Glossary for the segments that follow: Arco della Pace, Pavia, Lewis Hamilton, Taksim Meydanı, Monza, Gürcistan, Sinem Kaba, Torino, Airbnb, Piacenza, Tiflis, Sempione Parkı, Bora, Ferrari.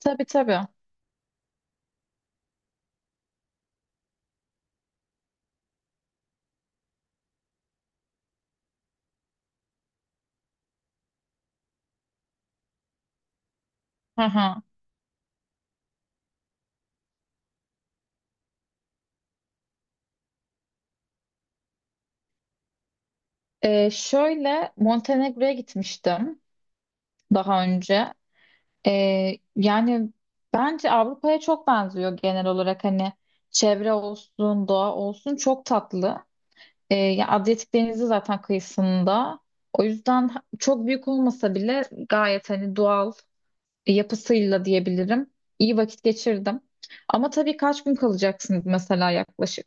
Tabii tabii. Hı hı. Şöyle Montenegro'ya gitmiştim daha önce. Yani bence Avrupa'ya çok benziyor genel olarak hani çevre olsun, doğa olsun çok tatlı. Ya Adriyatik Denizi zaten kıyısında. O yüzden çok büyük olmasa bile gayet hani doğal yapısıyla diyebilirim. İyi vakit geçirdim. Ama tabii kaç gün kalacaksınız mesela yaklaşık?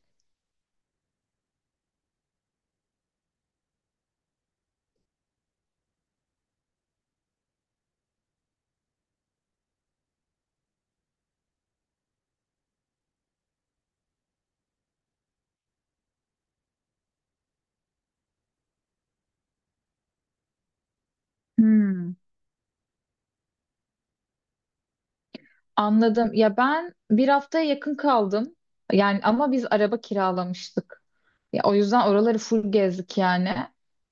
Hmm, anladım. Ya ben bir haftaya yakın kaldım. Yani ama biz araba kiralamıştık. Ya o yüzden oraları full gezdik yani.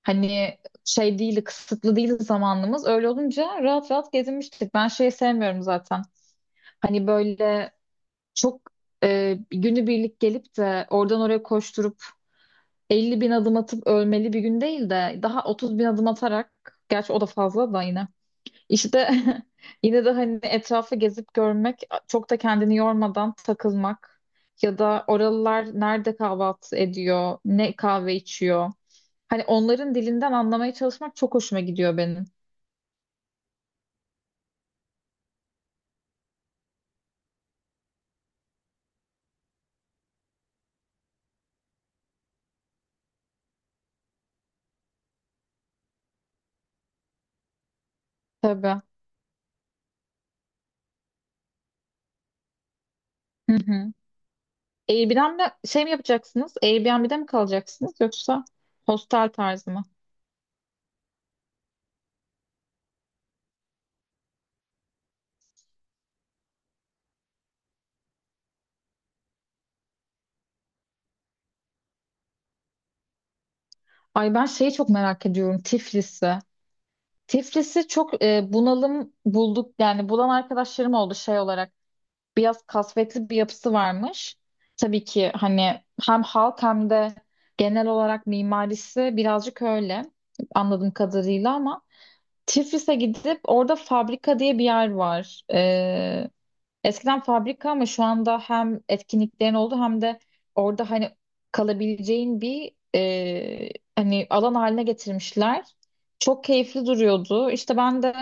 Hani şey değildi, kısıtlı değildi zamanımız. Öyle olunca rahat rahat gezinmiştik. Ben şeyi sevmiyorum zaten. Hani böyle çok günübirlik gelip de oradan oraya koşturup 50 bin adım atıp ölmeli bir gün değil de daha 30 bin adım atarak gerçi o da fazla da yine işte yine de hani etrafı gezip görmek çok da kendini yormadan takılmak ya da oralılar nerede kahvaltı ediyor ne kahve içiyor hani onların dilinden anlamaya çalışmak çok hoşuma gidiyor benim. Tabii. Hı hı. Airbnb'de şey mi yapacaksınız? Airbnb'de mi kalacaksınız yoksa hostel tarzı mı? Ay ben şeyi çok merak ediyorum Tiflis'i. Tiflis'i çok bunalım bulduk yani bulan arkadaşlarım oldu şey olarak biraz kasvetli bir yapısı varmış. Tabii ki hani hem halk hem de genel olarak mimarisi birazcık öyle anladığım kadarıyla ama Tiflis'e gidip orada fabrika diye bir yer var. Eskiden fabrika ama şu anda hem etkinliklerin oldu hem de orada hani kalabileceğin bir hani alan haline getirmişler. Çok keyifli duruyordu. İşte ben de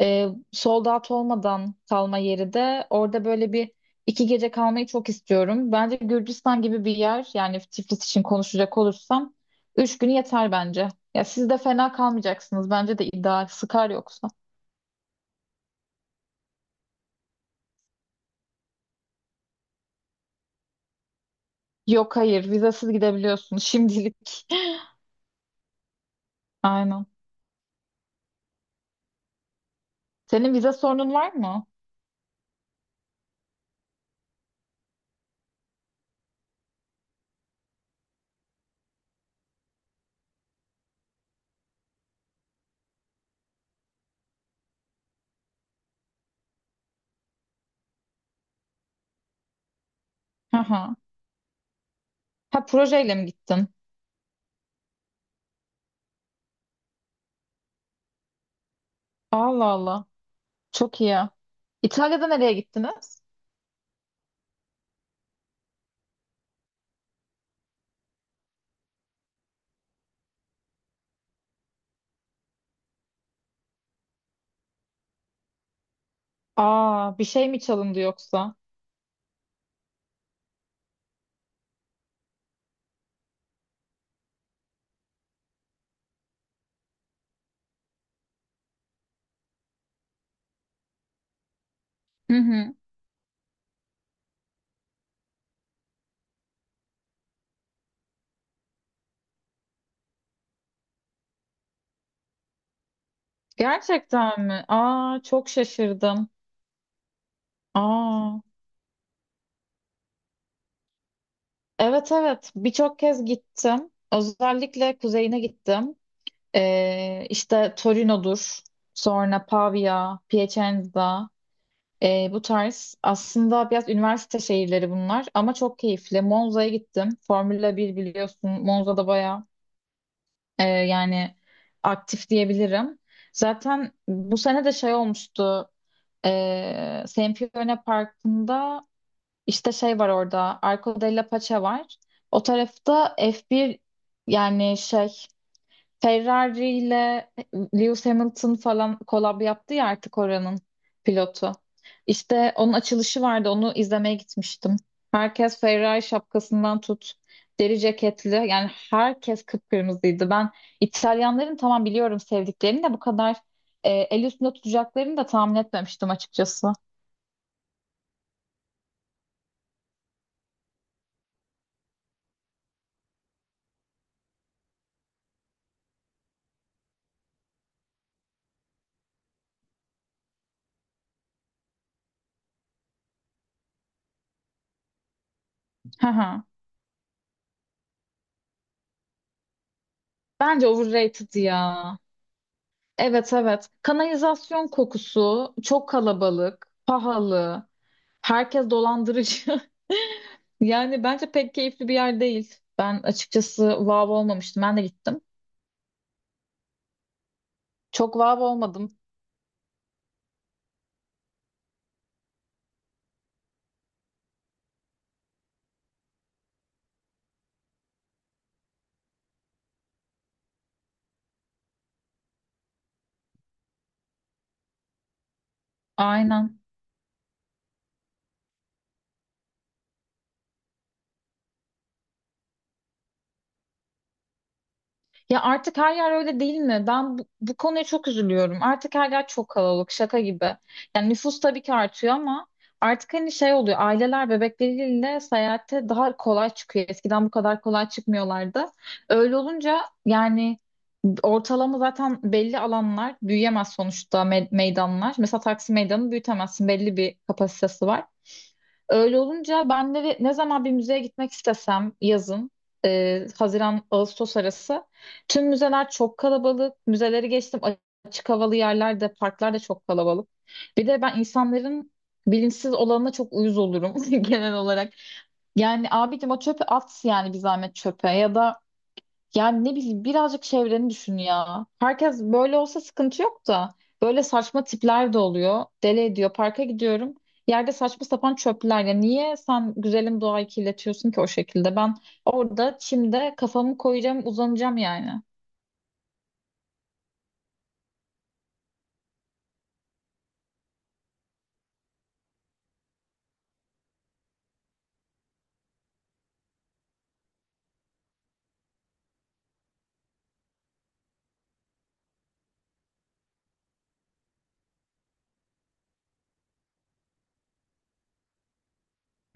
e, sold out olmadan kalma yeri de orada böyle bir iki gece kalmayı çok istiyorum. Bence Gürcistan gibi bir yer yani Tiflis için konuşacak olursam üç günü yeter bence. Ya siz de fena kalmayacaksınız. Bence de ideal. Sıkar yoksa. Yok, hayır, vizasız gidebiliyorsunuz şimdilik. Aynen. Senin vize sorunun var mı? Hı hı. Ha, projeyle mi gittin? Allah Allah. Çok iyi. İtalya'da nereye gittiniz? Aa, bir şey mi çalındı yoksa? Hı hı. Gerçekten mi? Aa, çok şaşırdım. Aa, evet evet, birçok kez gittim. Özellikle kuzeyine gittim. İşte Torino'dur. Sonra Pavia, Piacenza. Bu tarz aslında biraz üniversite şehirleri bunlar ama çok keyifli. Monza'ya gittim. Formula bir biliyorsun. Monza'da bayağı yani aktif diyebilirim. Zaten bu sene de şey olmuştu. Sempione Parkı'nda işte şey var orada. Arco della Pace var. O tarafta F1 yani şey Ferrari ile Lewis Hamilton falan kolab yaptı ya artık oranın pilotu. İşte onun açılışı vardı. Onu izlemeye gitmiştim. Herkes Ferrari şapkasından tut. Deri ceketli. Yani herkes kıpkırmızıydı. Ben İtalyanların tamam biliyorum sevdiklerini de bu kadar el üstünde tutacaklarını da tahmin etmemiştim açıkçası. Hı hı. Bence overrated ya. Evet evet. Kanalizasyon kokusu, çok kalabalık, pahalı, herkes dolandırıcı. Yani bence pek keyifli bir yer değil. Ben açıkçası vav olmamıştım. Ben de gittim. Çok vav olmadım. Aynen. Ya artık her yer öyle değil mi? Ben bu konuya çok üzülüyorum. Artık her yer çok kalabalık, şaka gibi. Yani nüfus tabii ki artıyor ama artık hani şey oluyor. Aileler bebekleriyle seyahate daha kolay çıkıyor. Eskiden bu kadar kolay çıkmıyorlardı. Öyle olunca yani ortalama zaten belli alanlar büyüyemez sonuçta meydanlar. Mesela Taksim Meydanı büyütemezsin. Belli bir kapasitesi var. Öyle olunca ben de ne zaman bir müzeye gitmek istesem yazın, Haziran-Ağustos arası tüm müzeler çok kalabalık. Müzeleri geçtim, açık havalı yerlerde, parklar da çok kalabalık. Bir de ben insanların bilinçsiz olanına çok uyuz olurum genel olarak. Yani abicim o çöpü at yani bir zahmet çöpe ya da yani ne bileyim birazcık çevreni düşün ya. Herkes böyle olsa sıkıntı yok da böyle saçma tipler de oluyor. Deli ediyor. Parka gidiyorum. Yerde saçma sapan çöpler. Ya niye sen güzelim doğayı kirletiyorsun ki o şekilde? Ben orada çimde kafamı koyacağım, uzanacağım yani.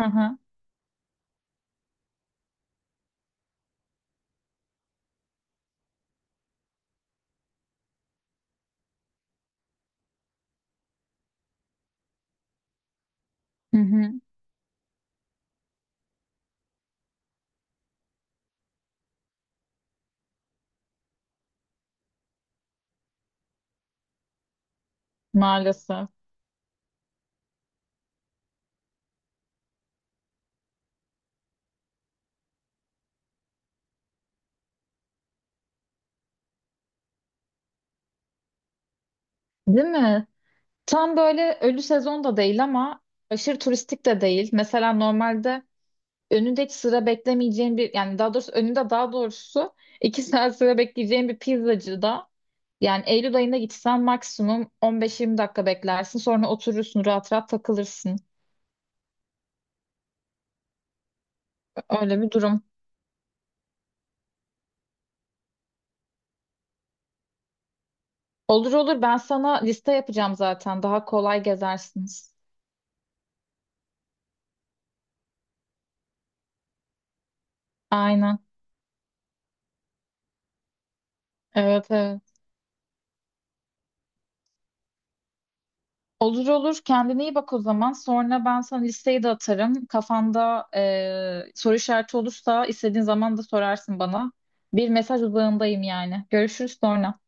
Hı hı. Hı hı. Maalesef. Değil mi? Tam böyle ölü sezon da değil ama aşırı turistik de değil. Mesela normalde önünde hiç sıra beklemeyeceğin bir yani daha doğrusu önünde daha doğrusu iki saat sıra bekleyeceğin bir pizzacıda yani Eylül ayında gitsen maksimum 15-20 dakika beklersin, sonra oturursun rahat rahat takılırsın. Öyle bir durum. Olur olur, ben sana liste yapacağım, zaten daha kolay gezersiniz. Aynen. Evet evet. Olur olur, kendine iyi bak o zaman, sonra ben sana listeyi de atarım, kafanda soru işareti olursa istediğin zaman da sorarsın bana. Bir mesaj uzağındayım yani. Görüşürüz sonra.